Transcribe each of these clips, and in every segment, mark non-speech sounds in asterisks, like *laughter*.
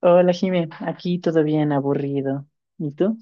Hola, Jimé. Aquí todo bien, aburrido. ¿Y tú?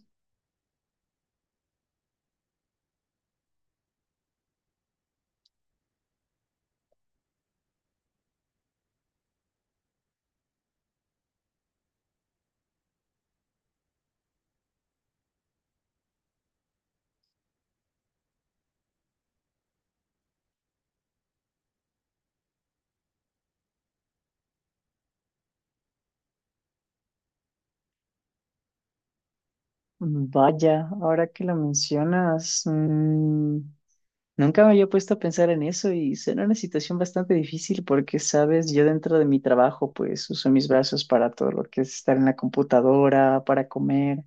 Vaya, ahora que lo mencionas, nunca me había puesto a pensar en eso y será una situación bastante difícil porque, sabes, yo dentro de mi trabajo, pues uso mis brazos para todo lo que es estar en la computadora, para comer.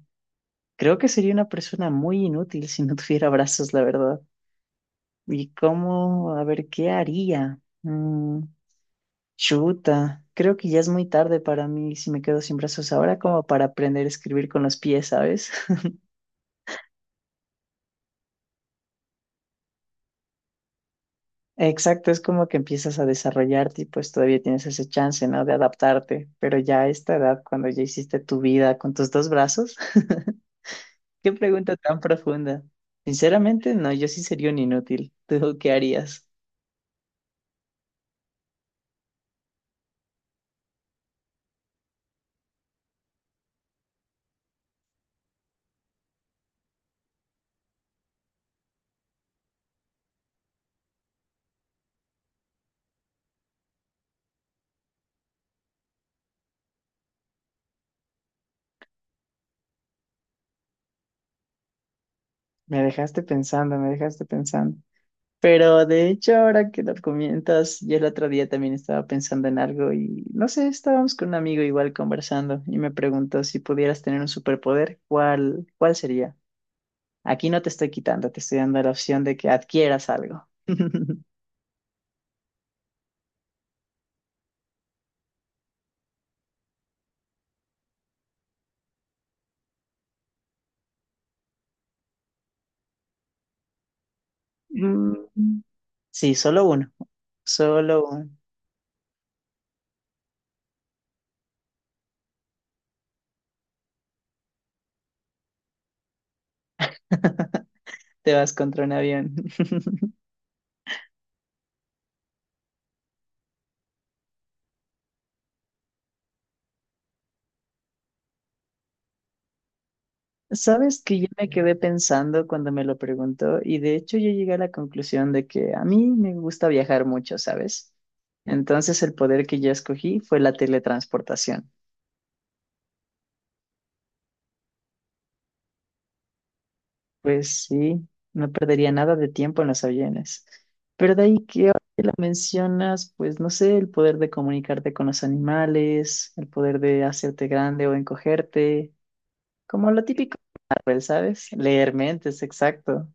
Creo que sería una persona muy inútil si no *laughs* tuviera brazos, la verdad. ¿Y cómo? A ver, ¿qué haría? Chuta, creo que ya es muy tarde para mí si me quedo sin brazos ahora como para aprender a escribir con los pies, ¿sabes? *laughs* Exacto, es como que empiezas a desarrollarte y pues todavía tienes ese chance, ¿no? De adaptarte, pero ya a esta edad, cuando ya hiciste tu vida con tus dos brazos, *laughs* qué pregunta tan profunda. Sinceramente, no, yo sí sería un inútil. ¿Tú qué harías? Me dejaste pensando, me dejaste pensando. Pero de hecho, ahora que lo comentas, yo el otro día también estaba pensando en algo y no sé, estábamos con un amigo igual conversando y me preguntó si pudieras tener un superpoder, ¿cuál sería? Aquí no te estoy quitando, te estoy dando la opción de que adquieras algo. *laughs* Mm, sí, solo uno, solo uno. *laughs* Te vas contra un avión. *laughs* Sabes que yo me quedé pensando cuando me lo preguntó y de hecho yo llegué a la conclusión de que a mí me gusta viajar mucho, ¿sabes? Entonces el poder que yo escogí fue la teletransportación. Pues sí, no perdería nada de tiempo en los aviones. Pero de ahí que ahora que lo mencionas, pues no sé, el poder de comunicarte con los animales, el poder de hacerte grande o encogerte, como lo típico, de Marvel, ¿sabes? Leer mentes, exacto,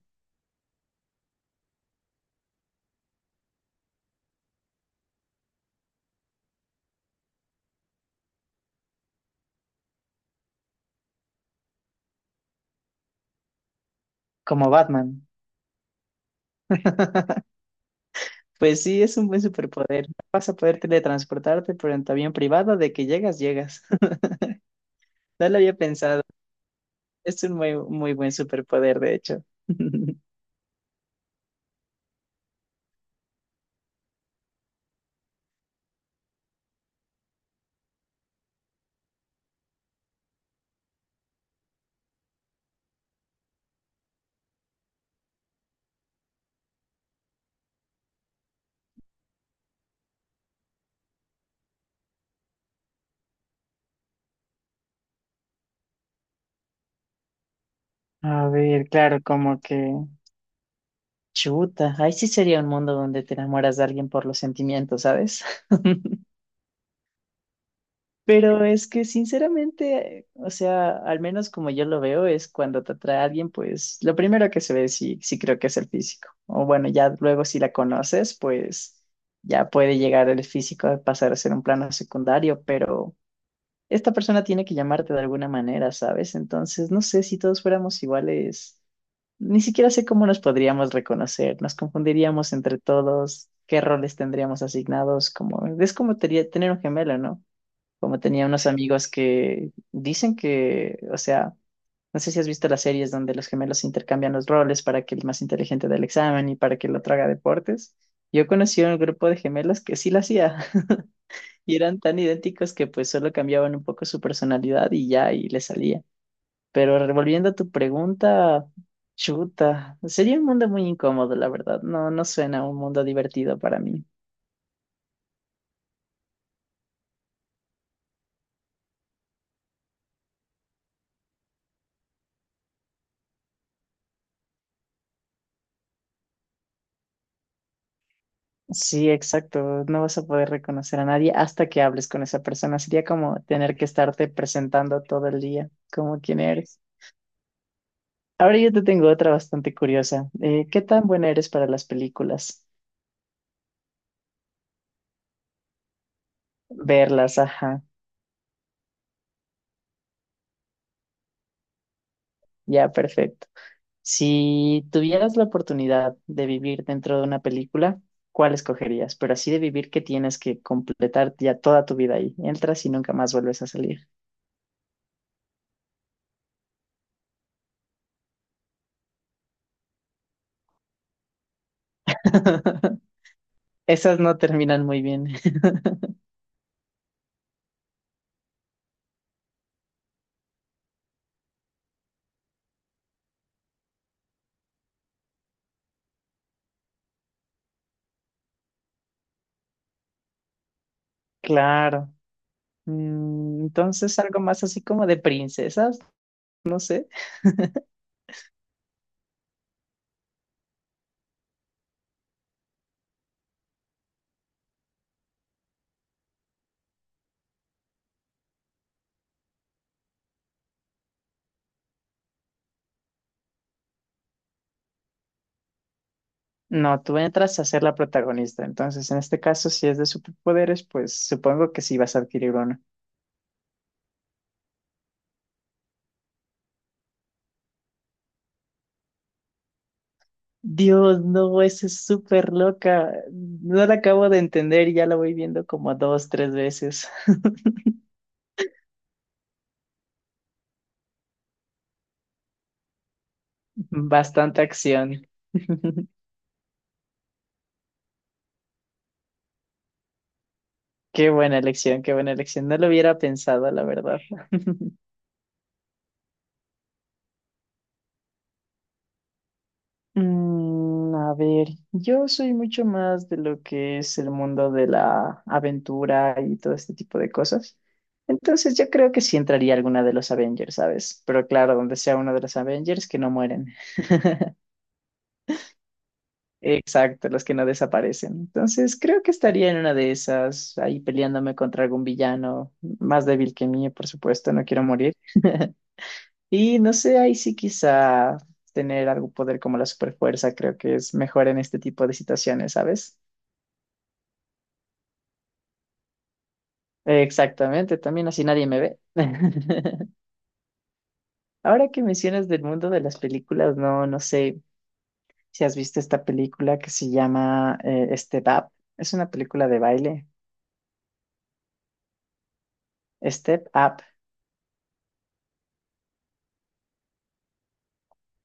como Batman. *laughs* Pues sí, es un buen superpoder. Vas a poder teletransportarte, pero en tu avión privado, de que llegas, llegas. *laughs* No lo había pensado. Es un muy, muy buen superpoder, de hecho. *laughs* A ver, claro, como que chuta, ahí sí sería un mundo donde te enamoras de alguien por los sentimientos, ¿sabes? *laughs* Pero es que sinceramente, o sea, al menos como yo lo veo, es cuando te atrae a alguien, pues lo primero que se ve sí, creo que es el físico. O bueno, ya luego si la conoces, pues ya puede llegar el físico a pasar a ser un plano secundario, pero esta persona tiene que llamarte de alguna manera, ¿sabes? Entonces, no sé si todos fuéramos iguales, ni siquiera sé cómo nos podríamos reconocer, nos confundiríamos entre todos, qué roles tendríamos asignados, como es como tener un gemelo, ¿no? Como tenía unos amigos que dicen que, o sea, no sé si has visto las series donde los gemelos intercambian los roles para que el más inteligente del examen y para que el otro haga deportes. Yo conocí a un grupo de gemelos que sí lo hacía *laughs* y eran tan idénticos que pues solo cambiaban un poco su personalidad y ya, y le salía. Pero revolviendo a tu pregunta, chuta, sería un mundo muy incómodo, la verdad. No, no suena un mundo divertido para mí. Sí, exacto. No vas a poder reconocer a nadie hasta que hables con esa persona. Sería como tener que estarte presentando todo el día, como quién eres. Ahora yo te tengo otra bastante curiosa. ¿Qué tan buena eres para las películas? Verlas, ajá. Ya, perfecto. Si tuvieras la oportunidad de vivir dentro de una película, ¿cuál escogerías? Pero así de vivir que tienes que completar ya toda tu vida ahí. Entras y nunca más vuelves a salir. *laughs* Esas no terminan muy bien. *laughs* Claro. Entonces, algo más así como de princesas, no sé. No, tú entras a ser la protagonista. Entonces, en este caso, si es de superpoderes, pues supongo que sí vas a adquirir uno. Dios, no, esa es súper loca. No la acabo de entender y ya la voy viendo como dos, tres veces. *laughs* Bastante acción. *laughs* Qué buena elección, qué buena elección. No lo hubiera pensado, la verdad. *laughs* Mm, a ver, yo soy mucho más de lo que es el mundo de la aventura y todo este tipo de cosas. Entonces yo creo que sí entraría alguna de los Avengers, ¿sabes? Pero claro, donde sea uno de los Avengers que no mueren. *laughs* Exacto, los que no desaparecen. Entonces creo que estaría en una de esas, ahí peleándome contra algún villano más débil que mí, por supuesto, no quiero morir. *laughs* Y no sé, ahí sí quizá tener algún poder como la superfuerza creo que es mejor en este tipo de situaciones, ¿sabes? Exactamente, también así nadie me ve. *laughs* Ahora que mencionas del mundo de las películas, no, no sé si has visto esta película que se llama Step Up. Es una película de baile. Step Up.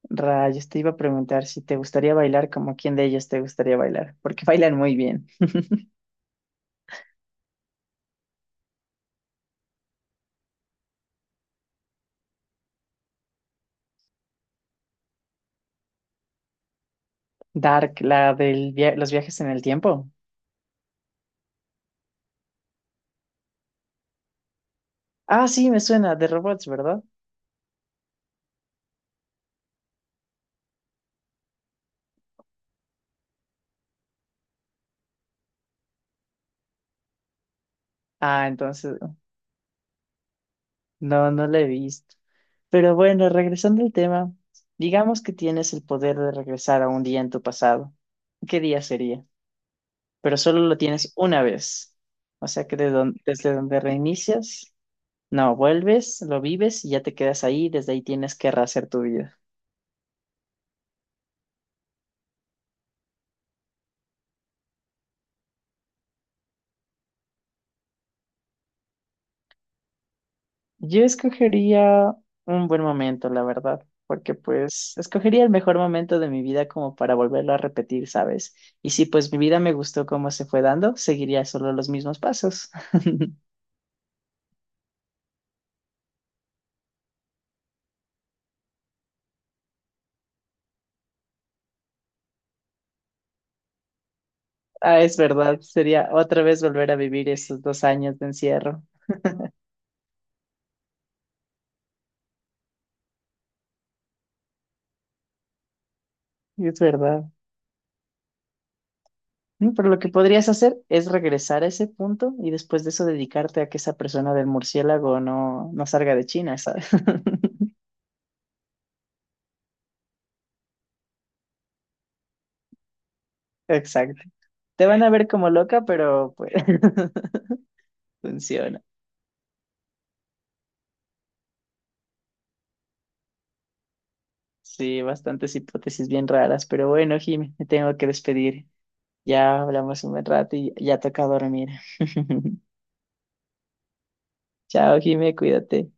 Rayos, te iba a preguntar si te gustaría bailar, como quién de ellos te gustaría bailar, porque *laughs* bailan muy bien. Dark, la de los viajes en el tiempo. Ah, sí, me suena, de robots, ¿verdad? Ah, entonces, no, no la he visto. Pero bueno, regresando al tema, digamos que tienes el poder de regresar a un día en tu pasado. ¿Qué día sería? Pero solo lo tienes una vez. O sea que desde donde reinicias, no, vuelves, lo vives y ya te quedas ahí. Desde ahí tienes que rehacer tu vida. Yo escogería un buen momento, la verdad, porque pues escogería el mejor momento de mi vida como para volverlo a repetir, ¿sabes? Y si pues mi vida me gustó como se fue dando, seguiría solo los mismos pasos. Ah, es verdad, sería otra vez volver a vivir esos 2 años de encierro. Es verdad. Mm, pero lo que podrías hacer es regresar a ese punto y después de eso dedicarte a que esa persona del murciélago no, no salga de China, ¿sabes? *laughs* Exacto. Te van a ver como loca, pero pues *laughs* funciona. Sí, bastantes hipótesis bien raras, pero bueno, Jimmy, me tengo que despedir. Ya hablamos un buen rato y ya toca dormir. *laughs* Chao, Jimmy, cuídate.